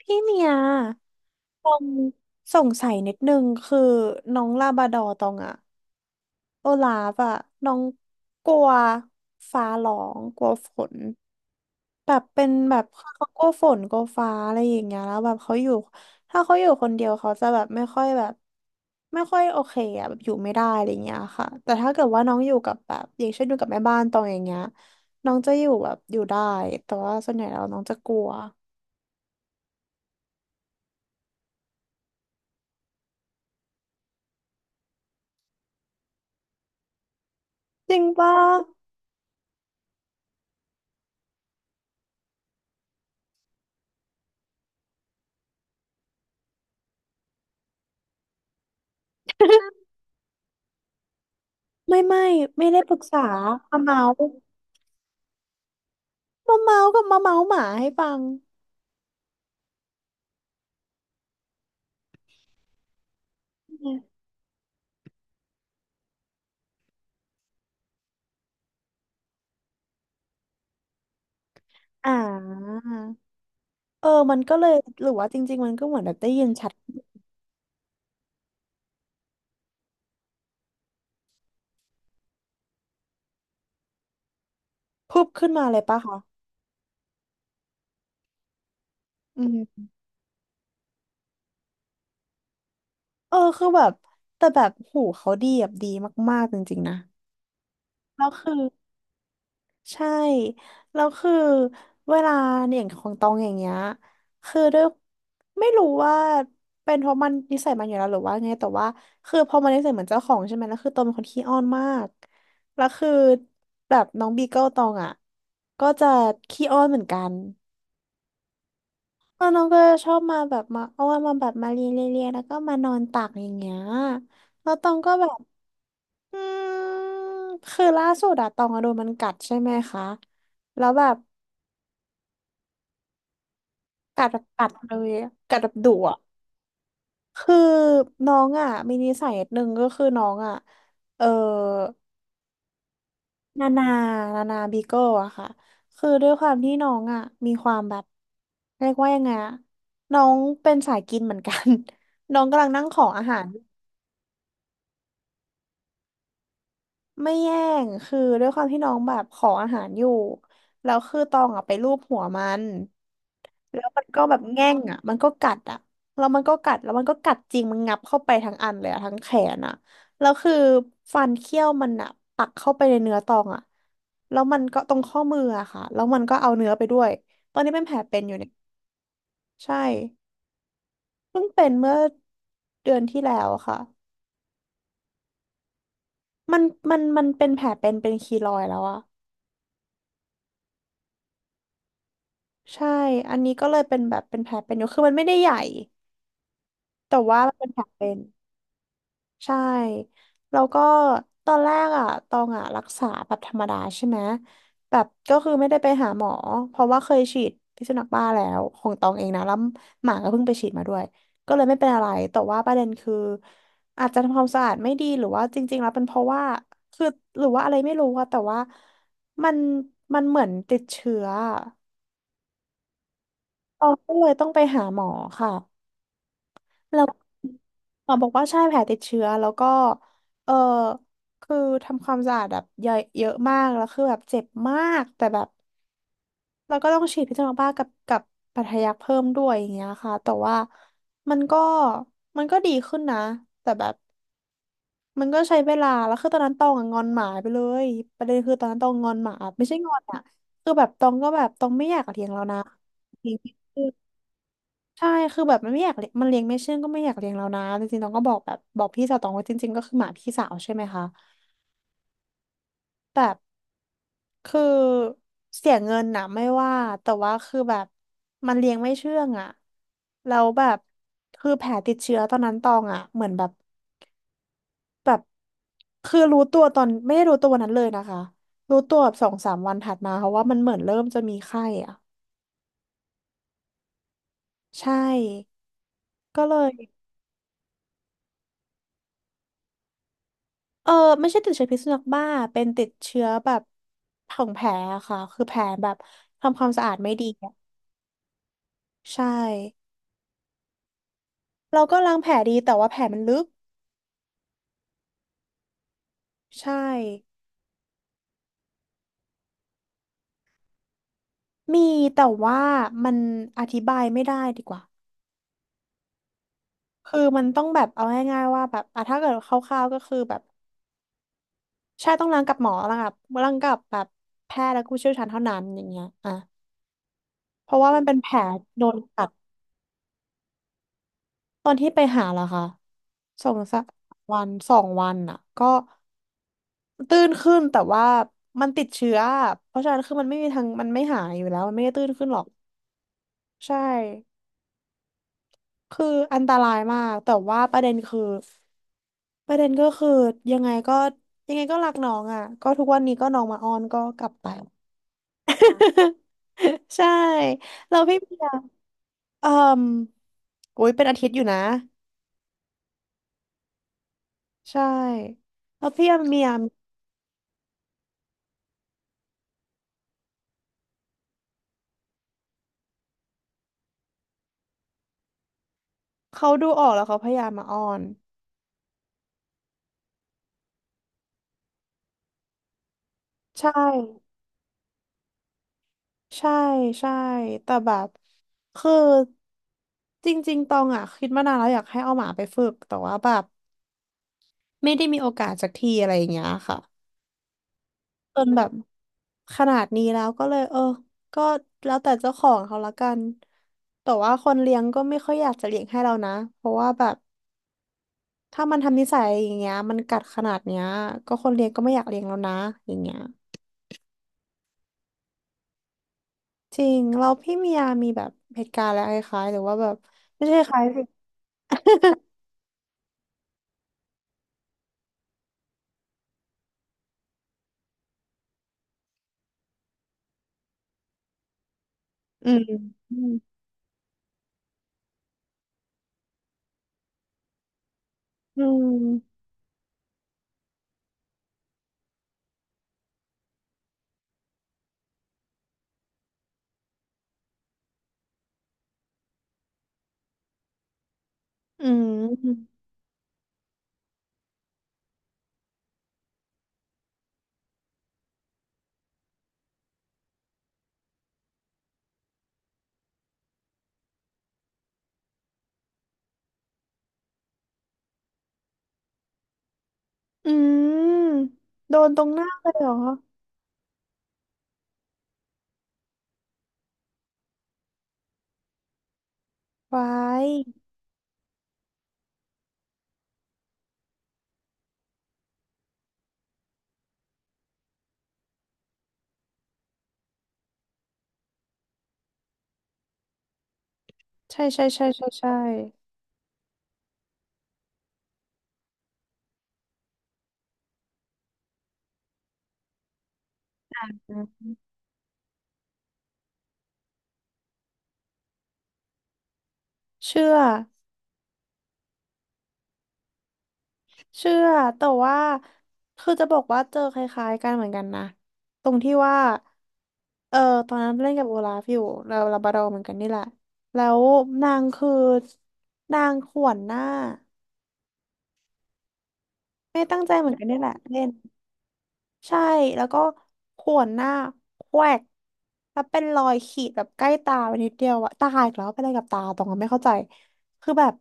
พี่เมียตองสงสัยนิดนึงคือน้องลาบราดอร์ตองอะโอลาฟอะน้องกลัวฟ้าร้องกลัวฝนแบบเป็นแบบเขากลัวฝนกลัวฟ้าอะไรอย่างเงี้ยแล้วแบบเขาอยู่ถ้าเขาอยู่คนเดียวเขาจะแบบไม่ค่อยแบบไม่ค่อยโอเคอะแบบอยู่ไม่ได้อะไรเงี้ยค่ะแต่ถ้าเกิดว่าน้องอยู่กับแบบอย่างเช่นอยู่กับแม่บ้านตองอย่างเงี้ยน้องจะอยู่แบบอยู่ได้แต่ว่าส่วนใหญ่แล้วน้องจะกลัวจริงปะ ไม่ไม่ไม่ได้ปรึกษามาเมาส์มาเมาส์กับมาเมาส์หมาให้ฟังเนี่ยอ่าเออมันก็เลยหรือว่าจริงๆมันก็เหมือนแบบได้ยินชัดพุบขึ้นมาเลยปะคะอืมเออคือแบบแต่แบบหูเขาดีแบบดีมากๆจริงๆนะแล้วคือ ใช่ แล้วคือเวลาอย่างของตองอย่างเงี้ยคือด้วยไม่รู้ว่าเป็นเพราะมันนิสัยมันอยู่แล้วหรือว่าไงแต่ว่าคือพอมันนิสัยเหมือนเจ้าของใช่ไหมแล้วคือตองเป็นคนขี้อ้อนมากแล้วคือแบบน้องบีเกิลตองอ่ะ ก็จะขี้อ้อนเหมือนกันแล้วน้องก็ชอบมาแบบมาอ้อนมาแบบมาเลียเลียเลียแล้วก็มานอนตักอย่างเงี้ยแล้วตองก็แบบอืมคือล่าสุดอะตองอะโดนมันกัดใช่ไหมคะ แล้วแบบ กัดแบบกัดเลยอะกัดแบบดุอ่ะคือน้องอ่ะมีนิสัยนิดนึงก็คือน้องอ่ะเออนานานานาบีเกิลอะค่ะคือด้วยความที่น้องอ่ะมีความแบบเรียกว่ายังไงอะน้องเป็นสายกินเหมือนกัน น้องกำลังนั่งขออาหารไม่แย่งคือด้วยความที่น้องแบบขออาหารอยู่แล้วคือตองอ่ะไปลูบหัวมัน แล้วมันก็แบบแง่งอ่ะมันก็กัดอ่ะแล้วมันก็กัดแล้วมันก็กัดจริง มันงับเข้าไปทั้งอันเลยอ่ะทั้งแขนอ่ะแล้วคือฟันเขี้ยวมันอ่ะปักเข้าไปในเนื้อตองอ่ะแล้วมันก็ตรงข้อมืออะค่ะแล้วมันก็เอาเนื้อไปด้วย ตอนนี้เป็นแผลเป็นอยู่เนี่ยใช่เพิ่งเป็นเมื่อเดือนที่แล้วอะค่ะมันมันเป็นแผลเป็นเป็นคีลอยด์แล้วอ่ะใช่ อันนี้ก็เลยเป็นแบบเป็นแผลเป็นอยู่คือมันไม่ได้ใหญ่ แต่ว่ามันเป็นแผลเป็น ใช่แล้วก็ตอนแรกอ่ะตองอ่ะรักษาแบบธรรมดาใช่ไหมแบบก็คือไม่ได้ไปหาหมอเพราะว่าเคยฉีดพิษสุนัขบ้าแล้วของตองเองนะแล้วหมาก็เพิ่งไปฉีดมาด้วยก็เลยไม่เป็นอะไรแต่ว่าประเด็นคืออาจจะทำความสะอาดไม่ดีหรือว่าจริงๆแล้วเป็นเพราะว่าคือหรือว่าอะไรไม่รู้อะแต่ว่ามันมันเหมือนติดเชื้ออะตองก็เลยต้องไปหาหมอค่ะ แล้วหมอบอกว่าใช่แผลติดเชื้อแล้วก็เออคือทำความสะอาดแบบเยอะเยอะมากแล้วคือแบบเจ็บมากแต่แบบเราก็ต้องฉีดพิษสุนัขบ้ากับปัทยักเพิ่มด้วยอย่างเงี้ยค่ะแต่ว่ามันก็มันก็ดีขึ้นนะแต่แบบมันก็ใช้เวลาแล้วคือตอนนั้นตองอะงอนหมาไปเลยประเด็นคือตอนนั้นตองงอนหมาไม่ใช่งอนอะคือแบบตองก็แบบตองไม่อยากเลียงแล้วนะ ใช่คือแบบมันไม่อยากเลี้ยงมันเลี้ยงไม่เชื่องก็ไม่อยากเลี้ยงแล้วนะจริงๆตองก็บอกแบบบอกพี่สาวตองว่าจริงๆก็คือหมาพี่สาวใช่ไหมคะแบบคือเสียเงินนะไม่ว่าแต่ว่าคือแบบมันเลี้ยงไม่เชื่องอะแล้วแบบคือแผลติดเชื้อตอนนั้นตองอะเหมือนแบบแบบคือรู้ตัวตอนไม่ได้รู้ตัววันนั้นเลยนะคะรู้ตัวแบบสองสามวันถัดมาเพราะว่ามันเหมือนเริ่มจะมีไข้อะใช่ ก็เลย เออไม่ใช่ติดเชื้อพิษสุนัขบ้าเป็นติดเชื้อแบบของแผลอะค่ะคือแผลแบบทำความสะอาดไม่ดีอะใช่เราก็ล้างแผลดีแต่ว่าแผลมันลึกใช่มีแต่ว่ามันอธิบายไม่ได้ดีกว่าคือมันต้องแบบเอาง่ายๆว่าแบบอ่ะถ้าเกิดคร่าวๆก็คือแบบใช่ต้องล้างกับหมอล้างกับล้างกับแบบแพทย์และผู้เชี่ยวชาญเท่านั้นอย่างเงี้ยอ่ะเพราะว่ามันเป็นแผลโดนกัดตอนที่ไปหาเหรอคะสองสามวันสองวันอ่ะก็ ตื้นขึ้นแต่ว่ามันติดเชื้อเพราะฉะนั้นคือมันไม่มีทางมันไม่หายอยู่แล้วมันไม่ได้ตื้นขึ้นหรอกใช่คืออันตรายมากแต่ว่าประเด็นคือประเด็นก็คือยังไงก็ยังไงก็รักน้องอ่ะก็ทุกวันนี้ก็น้องมาอ้อนก็กลับไป ใช่เราพี่เบียร์เอ่มโอ้ยเป็นอาทิตย์อยู่นะใช่แล้วพี่เบียร์เขาดูออกแล้วเขาพยายามมาอ้อนใช่ ใช่ใช่แต่แบบคือจริงๆตองอ่ะคิดมานานแล้วอยากให้เอาหมาไปฝึกแต่ว่าแบบไม่ได้มีโอกาสสักทีอะไรอย่างเงี้ยค่ะจนแบบขนาดนี้แล้วก็เลยเออก็แล้วแต่เจ้าของเขาละกันแต่ว่าคนเลี้ยงก็ไม่ค่อยอยากจะเลี้ยงให้เรานะเพราะว่าแบบถ้ามันทำนิสัยอย่างเงี้ยมันกัดขนาดเนี้ยก็คนเลี้ยงก็ไม่อยากเลี้ยงแล้วนะอย่างเงี้ยจริงเราพี่เมียมีแบบเหตุการณ์อะไรคล้ายๆหรือว่าแบบไม่ใช่คล้ายสิอืม อืมอืมอืมโดนตรงหน้าเลยเหรอไว้ายใช่ใช่ใช่ใช่ใช่อืมเชื่อเชื่อแต่ว่าคือจะบอกว่าเจอคล้ายๆกันเหมือนกันนะตรงที่ว่าเออตอนนั้นเล่นกับโอลาฟอยู่เราลาบราดอร์เหมือนกันนี่แหละแล้วนางคือนางข่วนหน้าไม่ตั้งใจเหมือนกันนี่แหละเล่น ใช่แล้วก็ข่วนหน้าแควกแล้วเป็นรอยขีดแบบใกล้ตาไปนิดเดียวอะตาอีกแล้วเป็นอะไรกับตาตรงนั้นไม่เข้าใจคือแบบ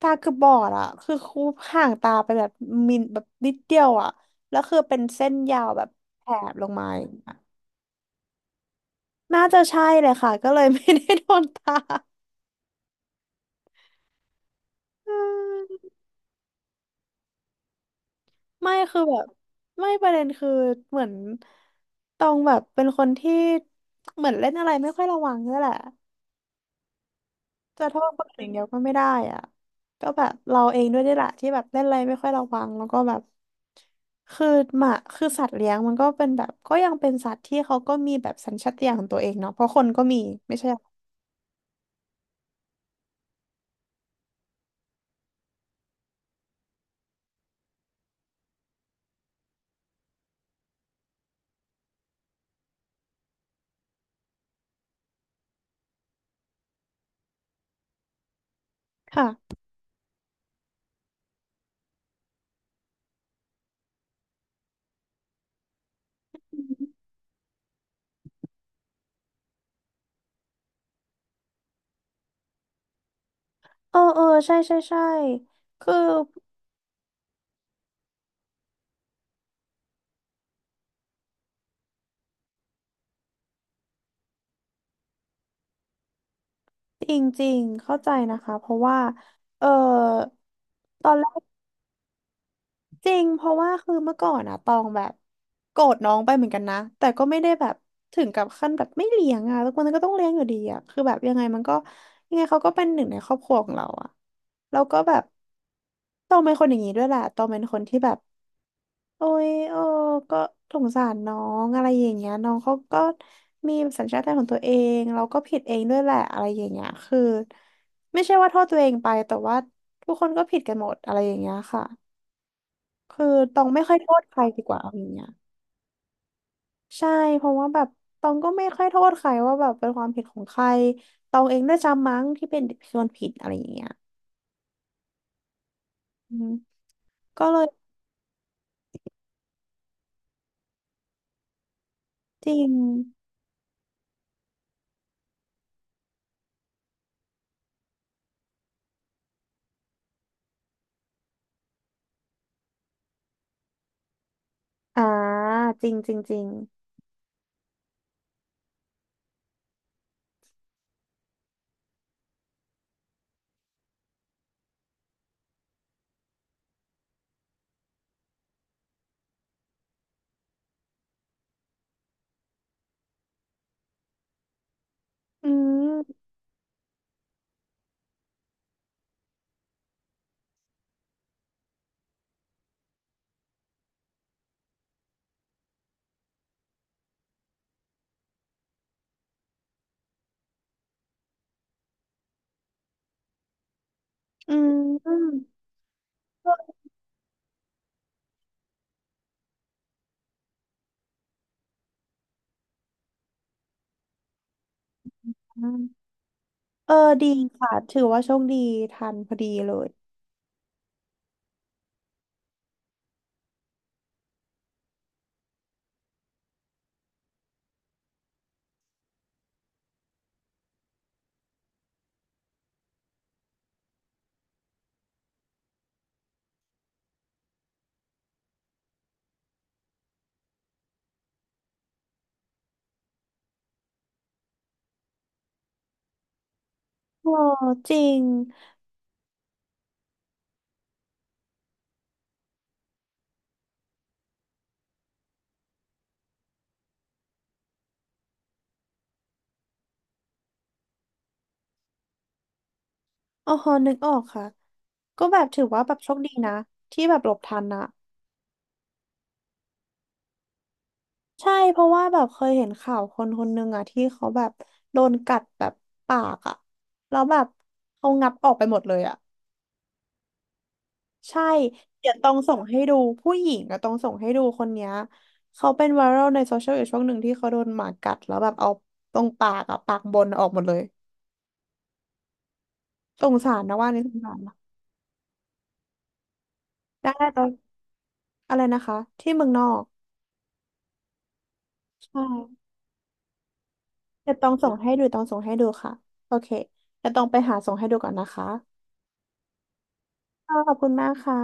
ตาคือบบอดอะคือคูบห่างตาไปแบบมิลแบบนิดเดียวอะแล้วคือเป็นเส้นยาวแบบแถบลงมาอย่างเงี้ยน่าจะใช่เลยค่ะก็เลยไม่ได้โดนตา อืมไม่คือแบบไม่ประเด็นคือเหมือนตองแบบเป็นคนที่เหมือนเล่นอะไรไม่ค่อยระวังนี่แหละ จะโทษคนอื่นอย่างเดียวก็ไม่ได้อ่ะก็แบบเราเองด้วยนี่แหละที่แบบเล่นอะไรไม่ค่อยระวังแล้วก็แบบคือหมาคือสัตว์เลี้ยงมันก็เป็นแบบก็ยังเป็นสัตว์ที่เขาก็มีแบบสัญชาตญาณของตัวเองเนาะเพราะคนก็มีไม่ใช่หรอค่ะเออเออใช่ใช่ใช่คือจริงจริงเข้าใจนะคะเพราะว่าเออตอนแรก จริงเพราะว่าคือเมื่อก่อนอะตองแบบโกรธน้องไปเหมือนกันนะ แต่ก็ไม่ได้แบบถึงกับขั้นแบบไม่เลี้ยงอะทุกคนก็ต้องเลี้ยงอยู่ดีอะคือแบบยังไงมันก็ยังไงเขาก็เป็นหนึ่งในครอบครัวของเราอะแล้วก็แบบตองเป็นคนอย่างนี้ด้วยแหละตองเป็นคนที่แบบโอ้ยเอ้ก็สงสารน้องอะไรอย่างเงี้ยน้องเขาก็มีสัญชาตญาณของตัวเองเราก็ผิดเองด้วยแหละอะไรอย่างเงี้ยคือไม่ใช่ว่าโทษตัวเองไปแต่ว่าทุกคนก็ผิดกันหมดอะไรอย่างเงี้ยค่ะ คือตองไม่ค่อยโทษใครดีกว่าเอาอย่างเงี้ยใช่เพราะว่าแบบตองก็ไม่ค่อยโทษใครว่าแบบเป็นความผิดของใครตองเองด้วยซ้ำมั้งที่เป็นคนผิดอะไรอย่างเงี้ยอืมก็เลยจริงอ่าจริงจริงจริงอืมอืมอืมเออดีค่ะถือว่าโชคดีทันพอดีเลยโอ้จริงอ๋อนึกออกค่ะก็แบบถือว่าแบบโชคดีนะที่แบบหลบทันนะ ใช่เพราะว่าแบบเคยเห็นข่าวคนคนหนึ่งอะที่เขาแบบโดนกัดแบบปากอะแล้วแบบเขางับออกไปหมดเลยอะใช่เดี๋ยวต้องส่งให้ดูผู้หญิงอะต้องส่งให้ดูคนเนี้ยเขาเป็นไวรัลในโซเชียลอยู่ช่วงหนึ่งที่เขาโดนหมากัดแล้วแบบเอาตรงปากอะปากบนออกหมดเลยสงสารนะว่านี่สงสารนะได้ตอนอะไรนะคะที่เมืองนอกใช่เดี๋ยวต้องส่งให้ดูต้องส่งให้ดูค่ะโอเคเดี๋ยวต้องไปหาส่งให้ดูก่อนนะคะค่ะขอบคุณมากค่ะ